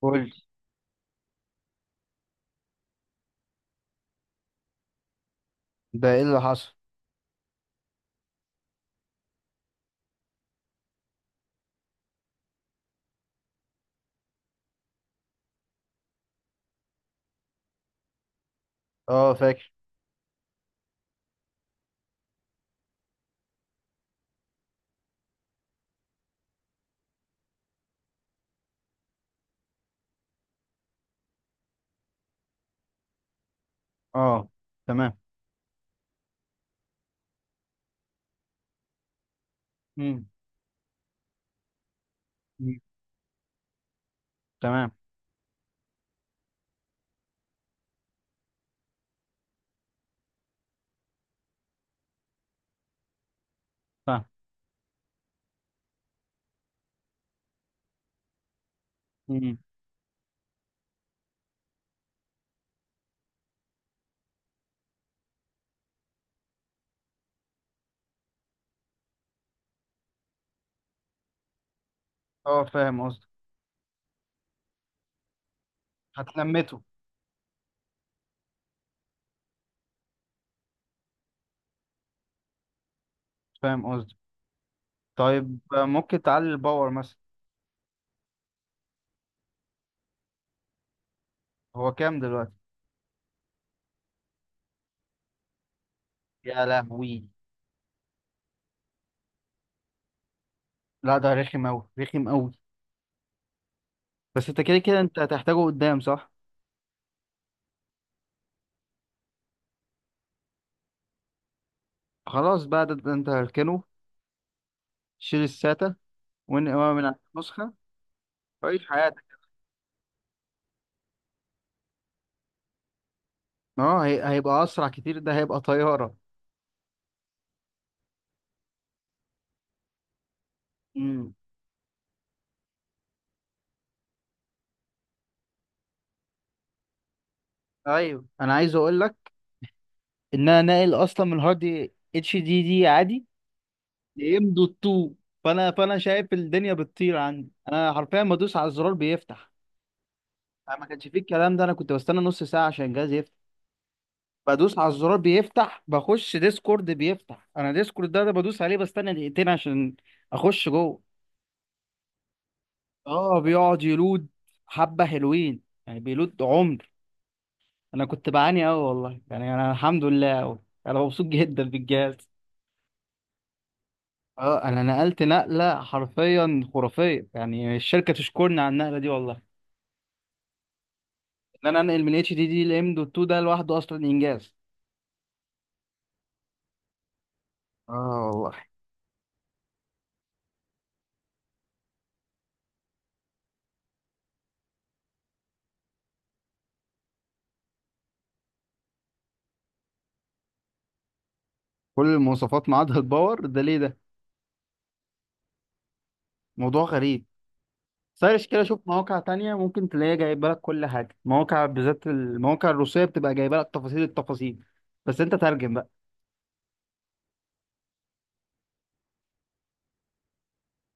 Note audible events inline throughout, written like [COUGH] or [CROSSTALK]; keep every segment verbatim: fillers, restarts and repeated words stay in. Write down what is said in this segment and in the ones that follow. قول. ده ايه اللي حصل؟ اه، فاكر. اه تمام. مم. مم. تمام. فاهم. مم. اه فاهم قصدي. هتلمته. فاهم قصدي. طيب، آه، ممكن تعلي الباور مثلا. هو كام دلوقتي؟ يا لهوي. لا، ده رخم اوي رخم اوي. بس انت كده كده انت هتحتاجه قدام، صح؟ خلاص بقى، ده, ده انت هركنه. شيل الساتا وانقع من على النسخة. عيش حياتك. اه، هي... هيبقى اسرع كتير، ده هيبقى طيارة. مم. ايوه، انا عايز اقول لك ان انا ناقل اصلا من هارد اتش دي دي عادي لام دوت اتنين. فانا فانا شايف الدنيا بتطير عندي، انا حرفيا بدوس على الزرار بيفتح. انا ما كانش فيه الكلام ده، انا كنت بستنى نص ساعه عشان الجهاز يفتح. بدوس على الزرار بيفتح، بخش ديسكورد بيفتح، انا ديسكورد ده, ده بدوس عليه بستنى دقيقتين عشان اخش جوه. اه بيقعد يلود حبه حلوين، يعني بيلود عمر. انا كنت بعاني قوي، والله يعني انا الحمد لله قوي. انا مبسوط جدا بالجهاز. اه انا نقلت نقله حرفيا خرافيه، يعني الشركه تشكرني على النقله دي والله. ان انا انقل من اتش دي دي لام دوت اتنين ده لوحده اصلا انجاز. اه والله. كل المواصفات ما عدا الباور، ده ليه ده؟ موضوع غريب. سيرش كده، شوف مواقع تانية، ممكن تلاقيها جايبه لك كل حاجه. مواقع بالذات المواقع الروسيه بتبقى جايبه لك تفاصيل التفاصيل، بس انت ترجم بقى.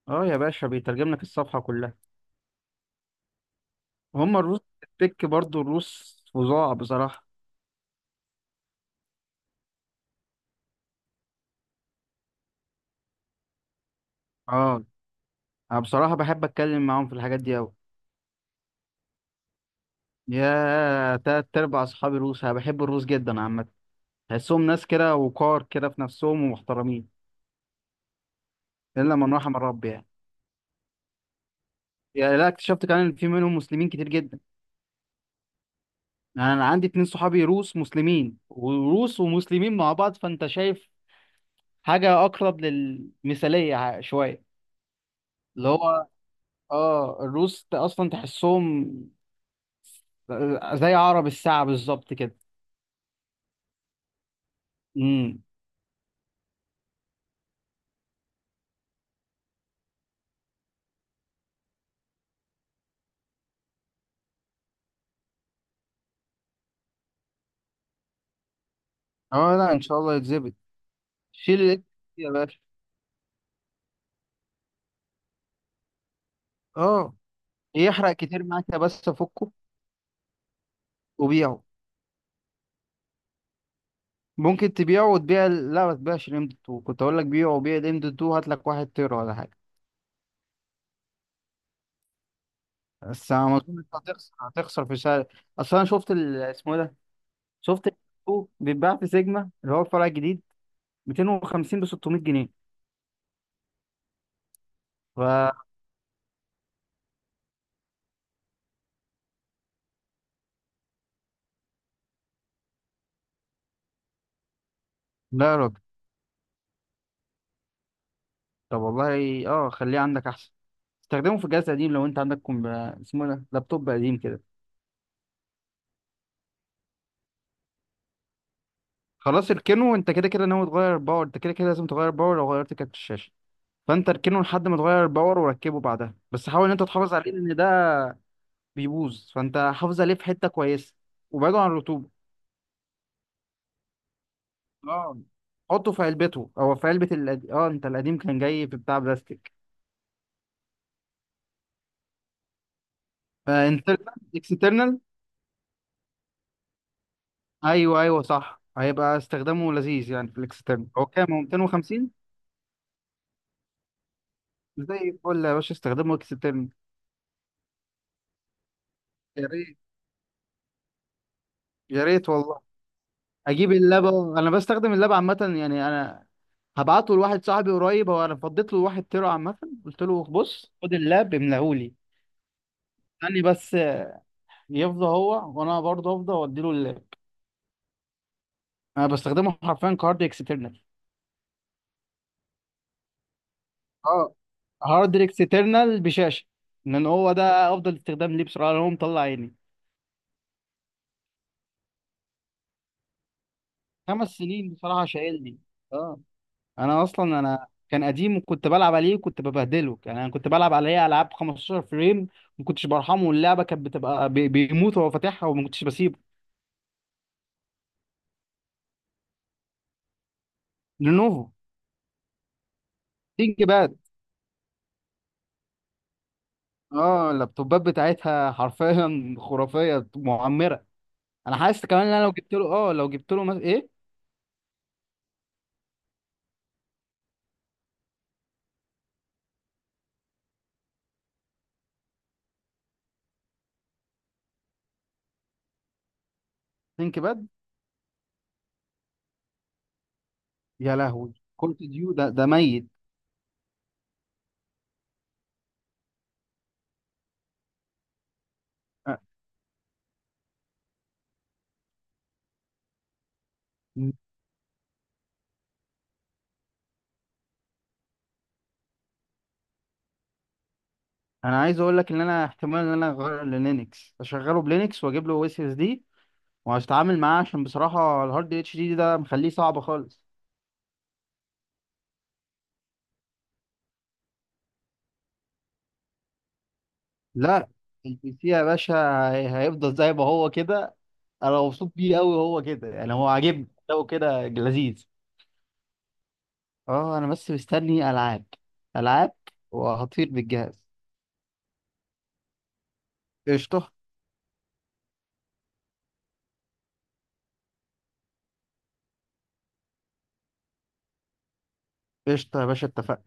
اه يا باشا بيترجم لك الصفحه كلها. هم الروس التك برضو، الروس فظاع بصراحه. اه انا بصراحه بحب اتكلم معاهم في الحاجات دي أوي. يا تلات أرباع أصحابي روس، أنا بحب الروس جدا عامة. تحسهم ناس كده، وقار كده في نفسهم ومحترمين، إلا من رحم الرب يعني. يعني لا، اكتشفت كمان إن في منهم مسلمين كتير جدا. يعني أنا عندي اتنين صحابي روس مسلمين، وروس ومسلمين مع بعض فأنت شايف حاجة أقرب للمثالية ع- شوية. اللي هو، آه الروس ت- أصلا تحسهم زي عرب الساعة بالظبط كده. امم. اه لا، ان شاء الله يتظبط. شيل الاكس يا باشا. اه يحرق كتير معاك يا، بس فكه وبيعه. ممكن تبيعه وتبيع ال- لا، ما تبيعش الام دوت اتنين، كنت اقول لك بيعه وبيع الام دوت اتنين، هات لك واحد تيرا ولا حاجه. بس انا ما اظنش، هتخسر هتخسر في سعر. اصل انا شفت ال- اسمه إيه ده، شفت ال اتنين بيتباع في سيجما اللي هو الفرع الجديد ميتين وخمسين ب ستمية جنيه. ف لا يا راجل. طب والله اه خليه عندك احسن. استخدمه في جهاز قديم لو انت عندك كم... اسمه إيه ده، لابتوب قديم كده. خلاص اركنه، انت كده كده ناوي تغير باور، انت كده كده لازم تغير باور لو غيرت كارت الشاشه. فانت اركنه لحد ما تغير الباور وركبه بعدها، بس حاول ان انت تحافظ عليه لان ده بيبوظ، فانت حافظ عليه في حته كويسه وبعده عن الرطوبه. اه حطه في علبته او في علبه القديم. اه انت القديم كان جاي في بتاع بلاستيك. فانترنال اكسترنال. ايوه ايوه صح، هيبقى استخدامه لذيذ يعني في الاكسترنال. هو كام، هو ميتين وخمسين؟ زي الفل يا باشا، استخدمه اكسترنال. يا ريت. يا ريت والله. اجيب اللبه، انا بستخدم اللبه عامه، يعني انا هبعته لواحد صاحبي قريب، هو انا فضيت له واحد تيرا عامه، قلت له بص خد اللاب املاهولي. استني بس يفضى هو وانا برضه افضى وادي له اللاب. انا بستخدمه حرفيا كهارد اكسترنال. اه هارد اكسترنال بشاشه، لان هو ده افضل استخدام ليه بصراحه، لأن هو مطلع عيني خمس سنين بصراحه شايلني. اه انا اصلا انا كان قديم وكنت بلعب عليه وكنت ببهدله، يعني انا كنت بلعب عليه العاب خمسة عشر فريم، ما كنتش برحمه، واللعبه كانت بتبقى بي- بيموت وهو فاتحها وما كنتش بسيبه. لينوفو. تيجي بقى. اه اللابتوبات بتاعتها حرفيا [LAUGHS] خرافيه معمره. انا حاسس كمان ان انا لو جبت له، اه لو جبت له مثلا ايه، ثينك باد. يا لهوي، كول اوف ديو، ده ده ميت. أ- انا عايز اقول لك ان انا احتمال ان انا اغير للينكس، اشغله بلينكس واجيب له اس اس دي وهتعامل معاه، عشان بصراحه الهارد اتش دي ده مخليه صعب خالص. لا، البي سي يا باشا هي- هيفضل زي ما هو كده. انا مبسوط بيه قوي، هو كده يعني هو عاجبني، لو كده لذيذ. اه انا بس مستني العاب، العاب، وهطير بالجهاز. قشطه. قشطه يا باشا اتفقنا.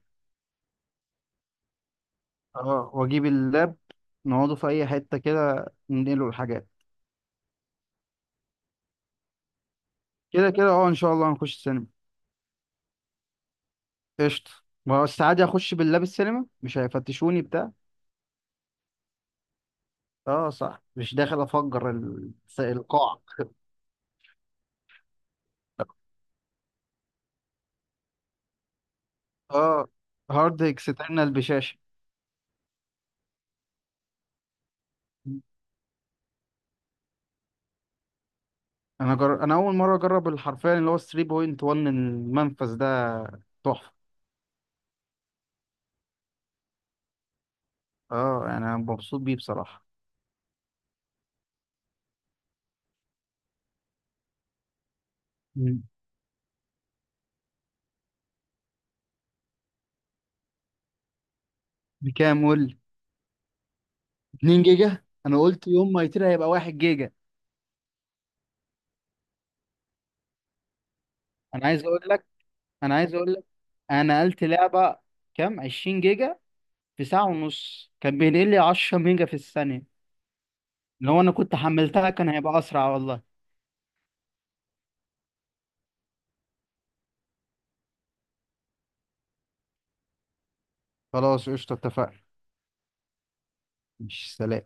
اه واجيب اللاب، نقعده في اي حته كده، ننقله الحاجات. كده كده اه ان شاء الله هنخش السينما. قشطه. ما هو عادي اخش باللاب السينما، مش هيفتشوني بتاع. اه صح، مش داخل افجر ال- القاعه. اه هارد اكسترنال بشاشه. انا جر... انا اول مره اجرب الحرفان اللي هو تلاته نقطه واحد المنفذ ده، تحفه. اه يعني انا مبسوط بيه بصراحه. مم. بكام؟ قول. اتنين جيجا. انا قلت يوم ما يطير هيبقى واحد جيجا. انا عايز اقول لك، انا عايز اقول لك، انا نقلت لعبه كام، عشرين جيجا، في ساعه ونص كان بينقل لي عشره ميجا في الثانيه. لو انا كنت حملتها كان هيبقى اسرع والله. خلاص قشطه اتفقنا. مش سلام.